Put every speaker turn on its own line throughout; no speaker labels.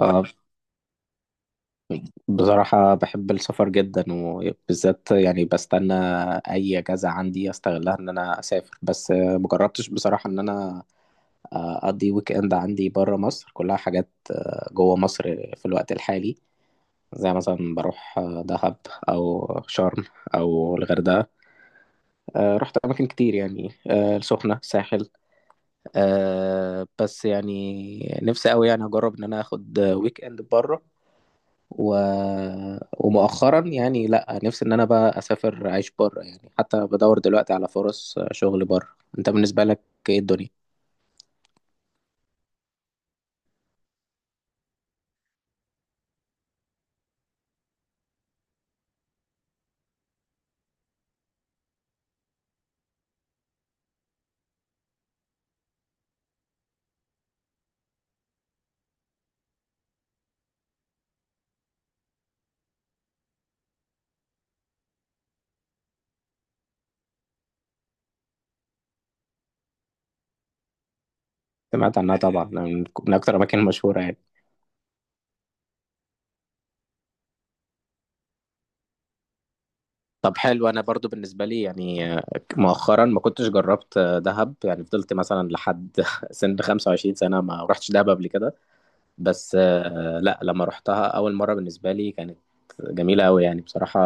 آه، بصراحة بحب السفر جدا وبالذات يعني بستنى أي أجازة عندي أستغلها إن أنا أسافر. بس مجربتش بصراحة إن أنا أقضي ويك إند عندي برا مصر، كلها حاجات جوا مصر في الوقت الحالي. زي مثلا بروح دهب أو شرم أو الغردقة. رحت أماكن كتير يعني السخنة، ساحل. بس يعني نفسي أوي يعني أجرب إن أنا آخد ويك إند بره. و... ومؤخرا يعني لا، نفسي ان انا بقى اسافر اعيش بره، يعني حتى بدور دلوقتي على فرص شغل بره. انت بالنسبه لك ايه الدنيا؟ سمعت عنها طبعا، من اكتر الاماكن المشهوره يعني. طب حلو، انا برضو بالنسبه لي يعني مؤخرا ما كنتش جربت دهب، يعني فضلت مثلا لحد سن 25 سنه ما رحتش دهب قبل كده. بس لا، لما رحتها اول مره بالنسبه لي كانت جميله قوي يعني بصراحه.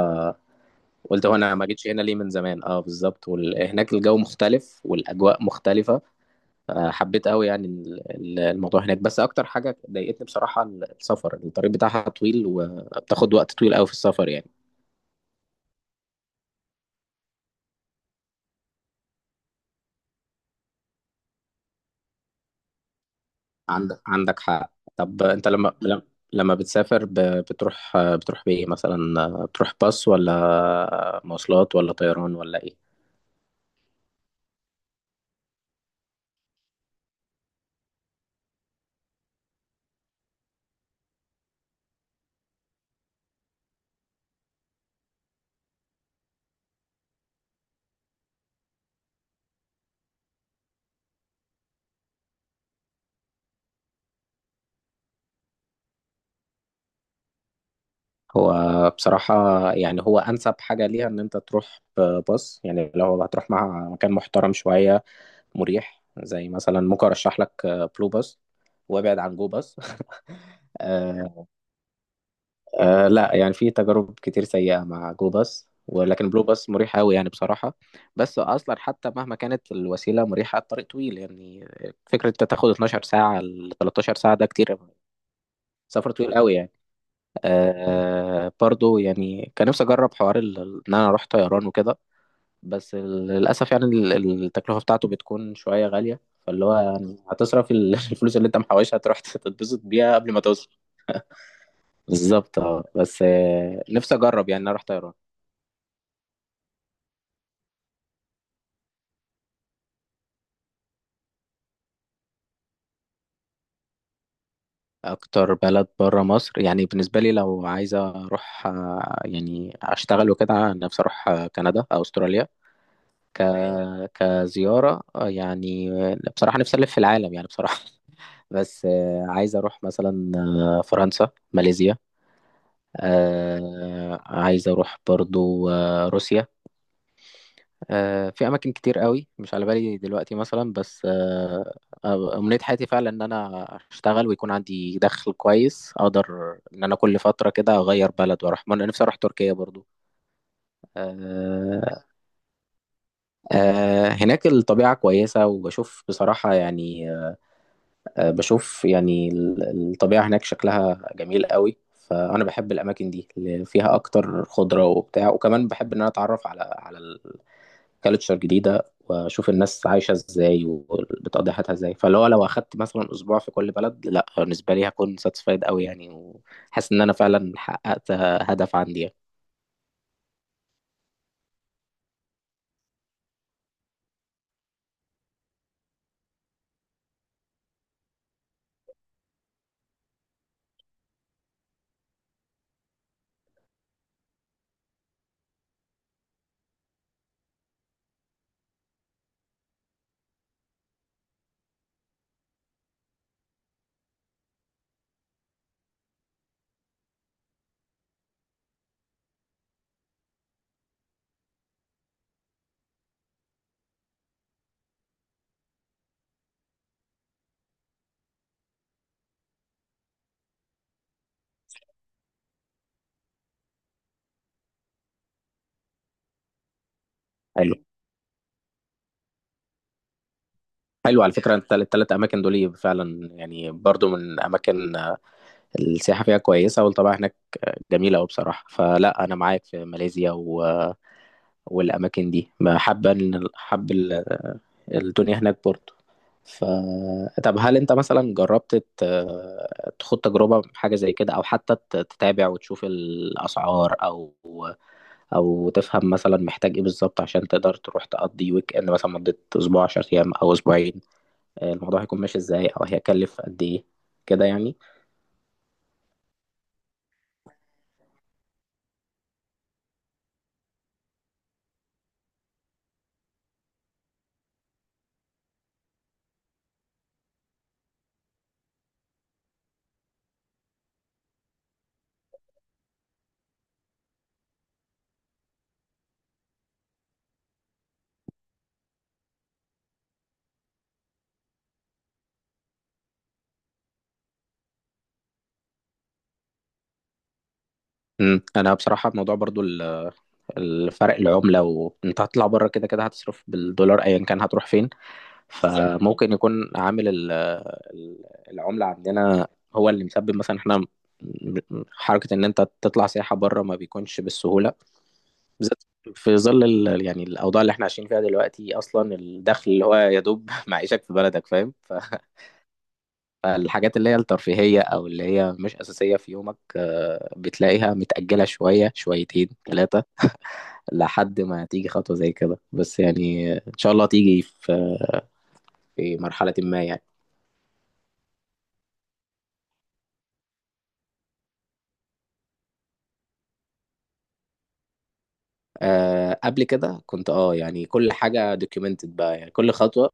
قلت هو انا ما جيتش هنا ليه من زمان؟ اه بالظبط، وهناك الجو مختلف والاجواء مختلفه. حبيت قوي يعني الموضوع هناك، بس اكتر حاجه ضايقتني بصراحه السفر، الطريق بتاعها طويل وبتاخد وقت طويل قوي في السفر يعني. عندك حق. طب انت لما بتسافر بتروح بايه مثلا؟ بتروح باص ولا مواصلات ولا طيران ولا ايه؟ هو بصراحة يعني هو أنسب حاجة ليها إن أنت تروح باص، يعني لو هتروح مع مكان محترم شوية مريح زي مثلا، ممكن ارشح لك بلو باس وابعد عن جو باس آه. آه لا، يعني في تجارب كتير سيئة مع جو باس، ولكن بلو باس مريح قوي يعني بصراحة. بس اصلا حتى مهما كانت الوسيلة مريحة، الطريق طويل يعني. فكرة انت تاخد 12 ساعة ل 13 ساعة ده كتير، سفر طويل قوي يعني. آه برضو يعني كان نفسي اجرب حوار ان انا اروح طيران وكده. بس للأسف يعني التكلفة بتاعته بتكون شوية غالية، فاللي هو يعني هتصرف الفلوس اللي انت محوشها تروح تتبسط بيها قبل ما توصل. بالظبط اه، بس نفسي اجرب يعني اروح طيران. اكتر بلد بره مصر يعني بالنسبة لي، لو عايزة اروح يعني اشتغل وكده، نفسي اروح كندا او استراليا. ك... كزيارة يعني بصراحة نفسي ألف في العالم يعني بصراحة. بس عايز أروح مثلا فرنسا، ماليزيا. آه عايز اروح برضو آه روسيا. آه في اماكن كتير قوي مش على بالي دلوقتي مثلا، بس آه امنية حياتي فعلا ان انا اشتغل ويكون عندي دخل كويس اقدر ان انا كل فترة كده اغير بلد واروح. ما انا نفسي اروح تركيا برضو آه. آه هناك الطبيعة كويسة وبشوف بصراحة يعني بشوف يعني الطبيعة هناك شكلها جميل قوي. فأنا بحب الأماكن دي اللي فيها أكتر خضرة وبتاع، وكمان بحب إن أنا أتعرف على الكالتشر جديدة وأشوف الناس عايشة إزاي وبتقضي حياتها إزاي. فاللي هو لو أخدت مثلا أسبوع في كل بلد، لأ بالنسبة لي هكون ساتسفايد قوي يعني، وحاسس إن أنا فعلا حققت هدف عندي يعني. حلو. حلو على فكرة، التلات أماكن دول فعلا يعني برضو من أماكن السياحة فيها كويسة، والطبيعة هناك جميلة أوي بصراحة. فلا أنا معاك في ماليزيا والأماكن دي، ما حابة إن حب الدنيا هناك برضه. ف طب هل أنت مثلا جربت تخوض تجربة حاجة زي كده، أو حتى تتابع وتشوف الأسعار أو تفهم مثلا محتاج إيه بالظبط عشان تقدر تروح تقضي ويك إند مثلا مدة أسبوع، 10 أيام أو أسبوعين، الموضوع هيكون ماشي إزاي أو هيكلف قد إيه كده يعني؟ أنا بصراحة الموضوع برضو الفرق، العملة، وانت هتطلع بره كده كده هتصرف بالدولار ايا كان هتروح فين. بالظبط، فممكن يكون عامل ال- العملة عندنا هو اللي مسبب مثلا احنا حركة ان انت تطلع سياحة بره ما بيكونش بالسهولة، بالذات في ظل يعني الاوضاع اللي احنا عايشين فيها دلوقتي. اصلا الدخل اللي هو يا دوب معيشك في بلدك، فاهم؟ فالحاجات اللي هي الترفيهية او اللي هي مش اساسية في يومك بتلاقيها متأجلة شوية، شويتين، ثلاثة، لحد ما تيجي خطوة زي كده. بس يعني إن شاء الله تيجي في في مرحلة ما يعني. أه قبل كده كنت اه يعني كل حاجة دوكيومنتد بقى، يعني كل خطوة.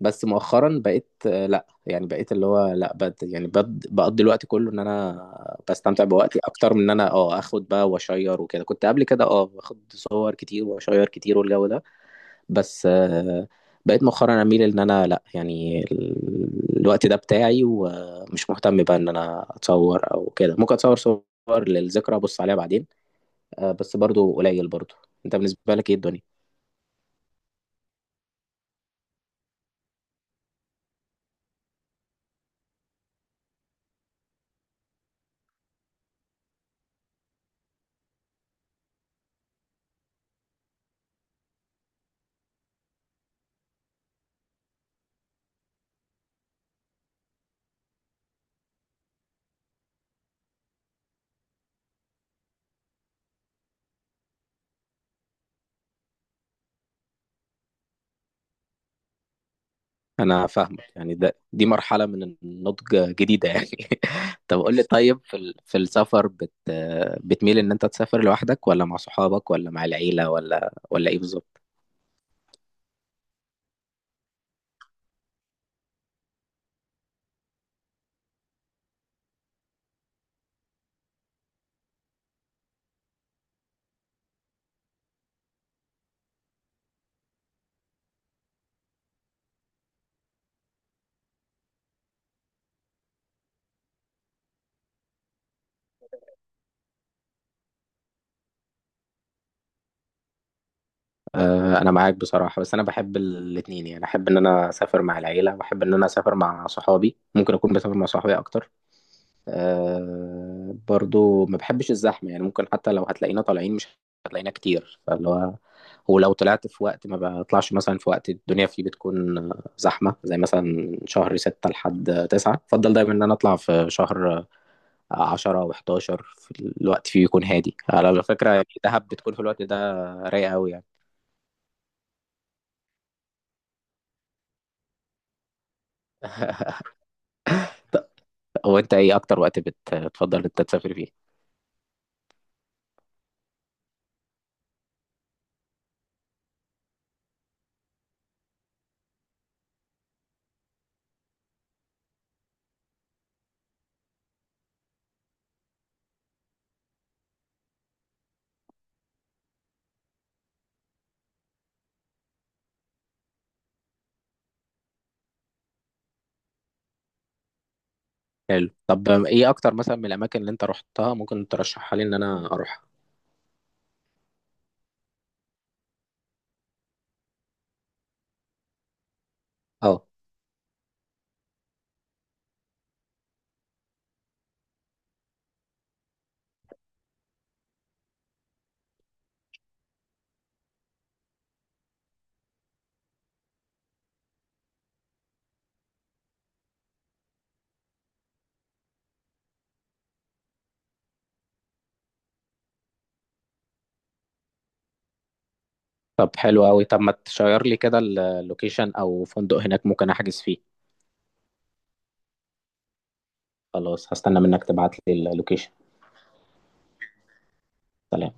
بس مؤخرا بقيت لا، يعني بقيت اللي هو لا بد يعني بد بقضي الوقت كله ان انا بستمتع بوقتي اكتر من ان انا اه اخد بقى واشير وكده. كنت قبل كده اه باخد صور كتير واشير كتير والجو ده. بس بقيت مؤخرا اميل ان انا لا، يعني الوقت ده بتاعي ومش مهتم بقى ان انا اتصور او كده. ممكن اتصور صور للذكرى ابص عليها بعدين بس برضو قليل برضو. انت بالنسبة لك ايه الدنيا؟ انا فاهمك، يعني ده دي مرحلة من النضج جديدة يعني. طب قول لي، طيب في في السفر بتميل ان انت تسافر لوحدك ولا مع صحابك ولا مع العيلة ولا ولا ايه بالظبط؟ انا معاك بصراحه، بس انا بحب الاثنين، يعني احب ان انا اسافر مع العيله واحب ان انا اسافر مع صحابي. ممكن اكون بسافر مع صحابي اكتر. أه برضو ما بحبش الزحمه، يعني ممكن حتى لو هتلاقينا طالعين مش هتلاقينا كتير فاللي هو. ولو طلعت في وقت ما بطلعش مثلا في وقت الدنيا فيه بتكون زحمه زي مثلا من شهر ستة لحد تسعة. بفضل دايما ان انا اطلع في شهر عشرة و11، في الوقت فيه يكون هادي على فكره. يعني دهب بتكون في الوقت ده رايقه قوي يعني. هو انت ايه اكتر وقت بتفضل انت تسافر فيه؟ حلو، طب ايه اكتر مثلا من الاماكن اللي انت رحتها ممكن ترشحها لي ان انا اروحها؟ اه. طب حلو قوي، طب ما تشير لي كده اللوكيشن او فندق هناك ممكن احجز فيه. خلاص، هستنى منك تبعت لي اللوكيشن. سلام.